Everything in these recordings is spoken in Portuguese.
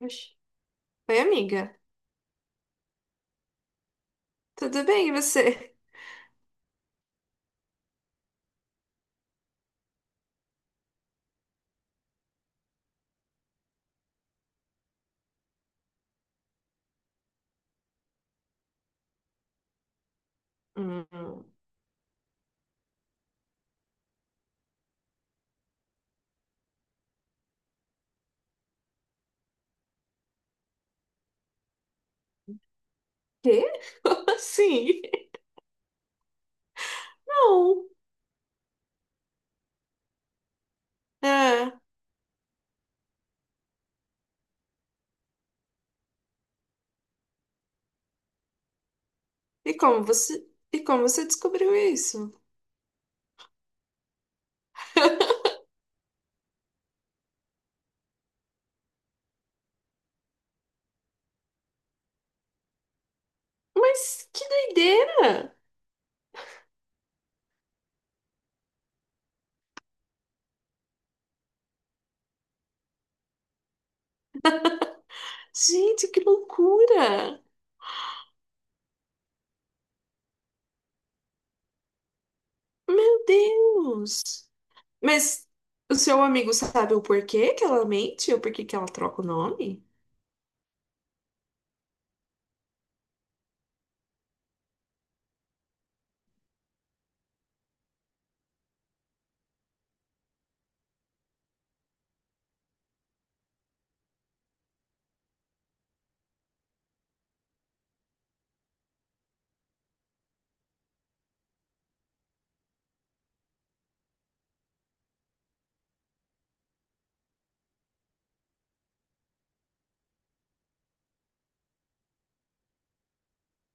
Oxi. Oi, amiga. Tudo bem, e você? Hum. Quê? Como assim? Não. É. E como você, e como você descobriu isso? Mas que doideira! Gente, que loucura! Meu Deus! Mas o seu amigo sabe o porquê que ela mente? O porquê que ela troca o nome?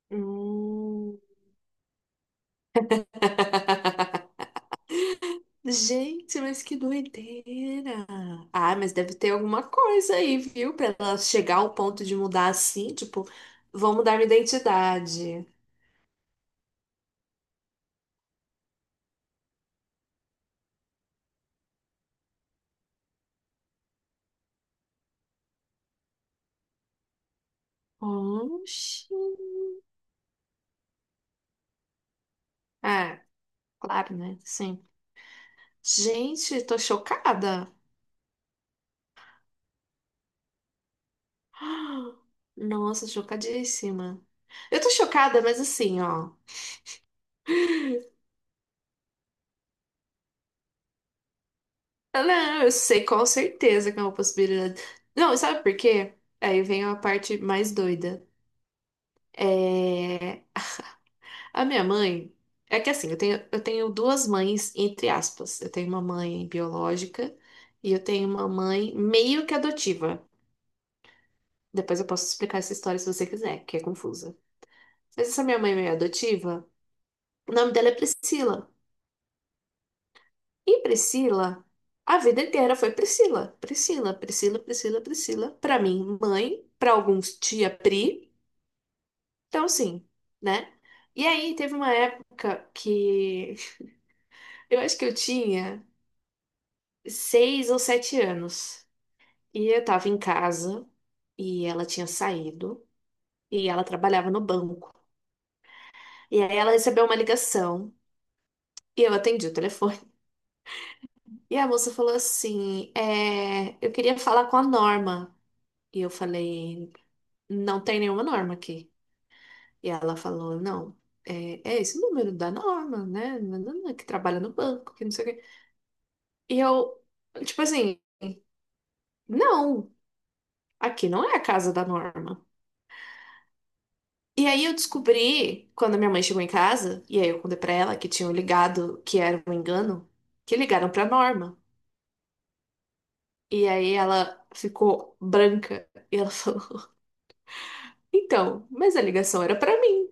Hum. Gente, mas que doideira! Ah, mas deve ter alguma coisa aí, viu? Pra ela chegar ao ponto de mudar assim, tipo, vou mudar minha identidade. Oxi. Ah, claro, né? Sim. Gente, tô chocada. Ah, nossa, chocadíssima. Eu tô chocada, mas assim, ó. Eu não, eu sei com certeza que é uma possibilidade. Não, sabe por quê? Aí vem a parte mais doida. É. A minha mãe. É que assim, eu tenho duas mães, entre aspas. Eu tenho uma mãe biológica e eu tenho uma mãe meio que adotiva. Depois eu posso explicar essa história se você quiser, que é confusa. Mas essa minha mãe meio adotiva. O nome dela é Priscila. E Priscila, a vida inteira foi Priscila, Priscila, Priscila, Priscila, Priscila. Para mim, mãe, para alguns, tia Pri. Então, assim, né? E aí, teve uma época que eu acho que eu tinha 6 ou 7 anos. E eu tava em casa e ela tinha saído e ela trabalhava no banco. E aí, ela recebeu uma ligação. E eu atendi o telefone. E a moça falou assim: é, eu queria falar com a Norma. E eu falei, não tem nenhuma Norma aqui. E ela falou, não, é, é esse o número da Norma, né? Nananã, que trabalha no banco, que não sei o quê. E eu, tipo assim, não, aqui não é a casa da Norma. E aí eu descobri, quando a minha mãe chegou em casa, e aí eu contei pra ela que tinham ligado, que era um engano, que ligaram pra Norma. E aí ela ficou branca e ela falou, então, mas a ligação era pra mim.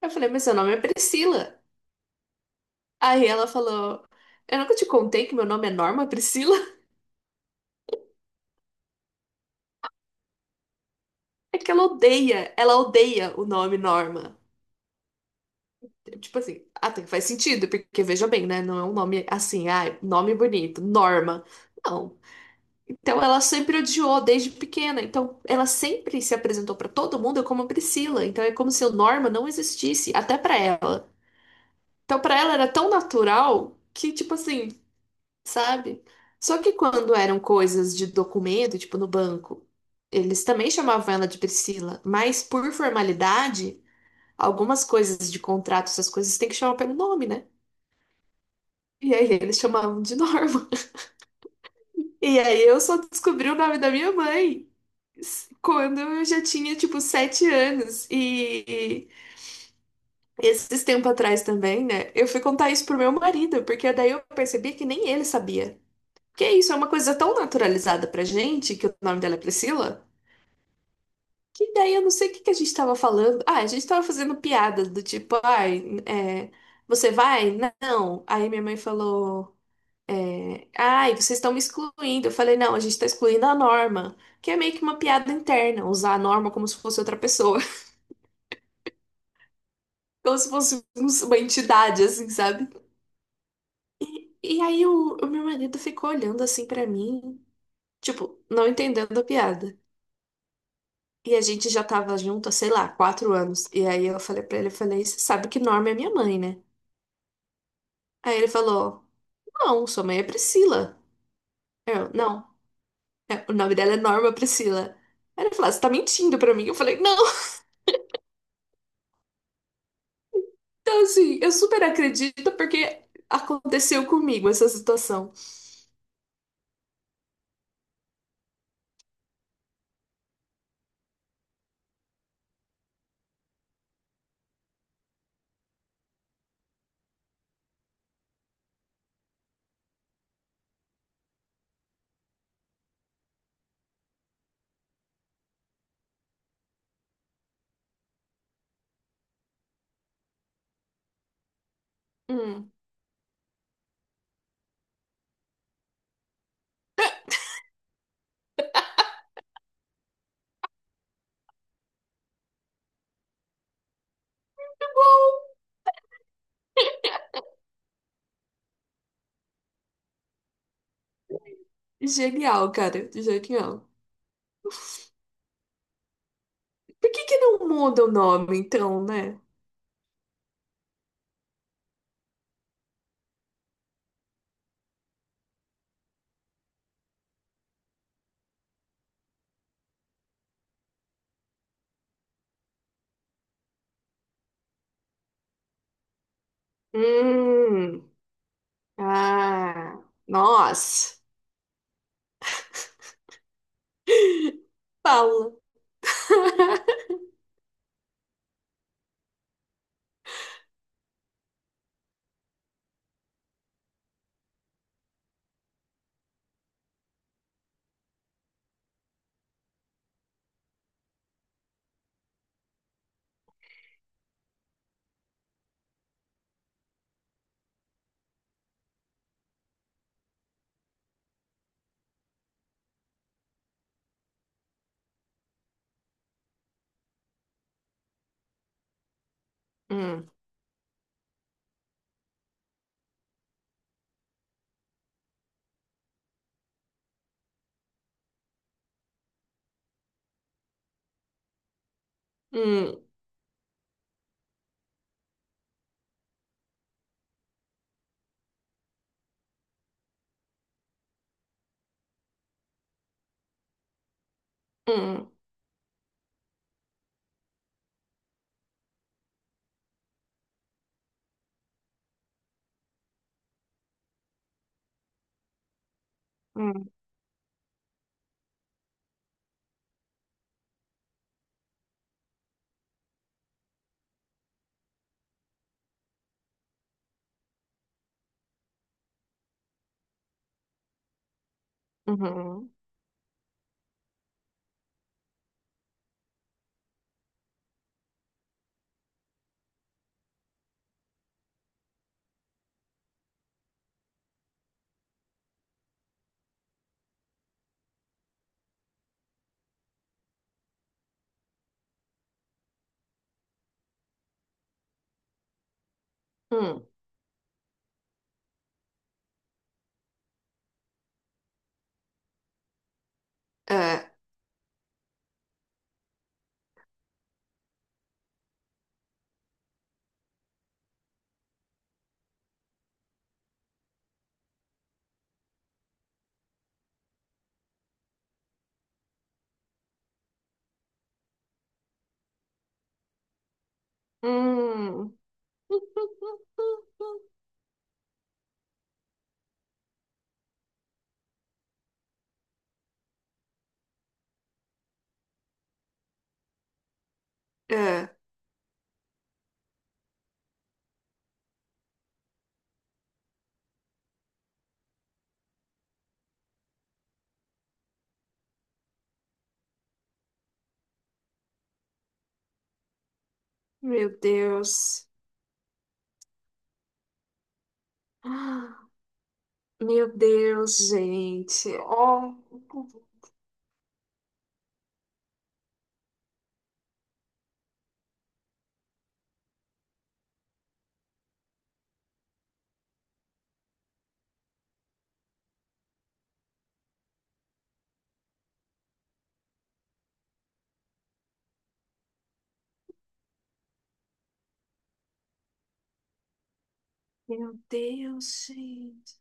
Eu falei, mas seu nome é Priscila. Aí ela falou: eu nunca te contei que meu nome é Norma Priscila? É que ela odeia o nome Norma. Tipo assim, até faz sentido, porque veja bem, né? Não é um nome assim, ah, nome bonito, Norma. Não. Então ela sempre odiou desde pequena. Então ela sempre se apresentou pra todo mundo como Priscila. Então é como se o Norma não existisse, até pra ela. Então pra ela era tão natural que, tipo assim. Sabe? Só que quando eram coisas de documento, tipo no banco, eles também chamavam ela de Priscila, mas por formalidade, algumas coisas de contrato, essas coisas tem que chamar pelo nome, né? E aí eles chamavam de Norma. E aí eu só descobri o nome da minha mãe quando eu já tinha, tipo, 7 anos. E esses tempo atrás também, né? Eu fui contar isso pro meu marido, porque daí eu percebi que nem ele sabia. Porque é isso, é uma coisa tão naturalizada pra gente, que o nome dela é Priscila, que daí eu não sei o que que a gente tava falando. Ah, a gente tava fazendo piada do tipo, ai, é, você vai? Não. Aí minha mãe falou, é, ai, vocês estão me excluindo. Eu falei, não, a gente tá excluindo a Norma, que é meio que uma piada interna, usar a Norma como se fosse outra pessoa, como se fosse uma entidade, assim, sabe? E aí o meu marido ficou olhando assim pra mim, tipo, não entendendo a piada. E a gente já tava junto, há, sei lá, 4 anos. E aí eu falei pra ele, eu falei, você sabe que Norma é minha mãe, né? Aí ele falou, não, sua mãe é Priscila. Eu, não, é, o nome dela é Norma Priscila. Aí ele falou, "Ah, você tá mentindo pra mim." Eu falei, não. Então, assim, eu super acredito porque aconteceu comigo essa situação. Hum. Tá bom. Genial, cara, genial. Por que que não muda o nome, então, né? Hum. Ah, nossa. Paula. Hum. Hum, hum, hum, uhum, hum, ah, hum. Ah, meu Deus. Ah, meu Deus, gente. Oh, meu Deus, gente.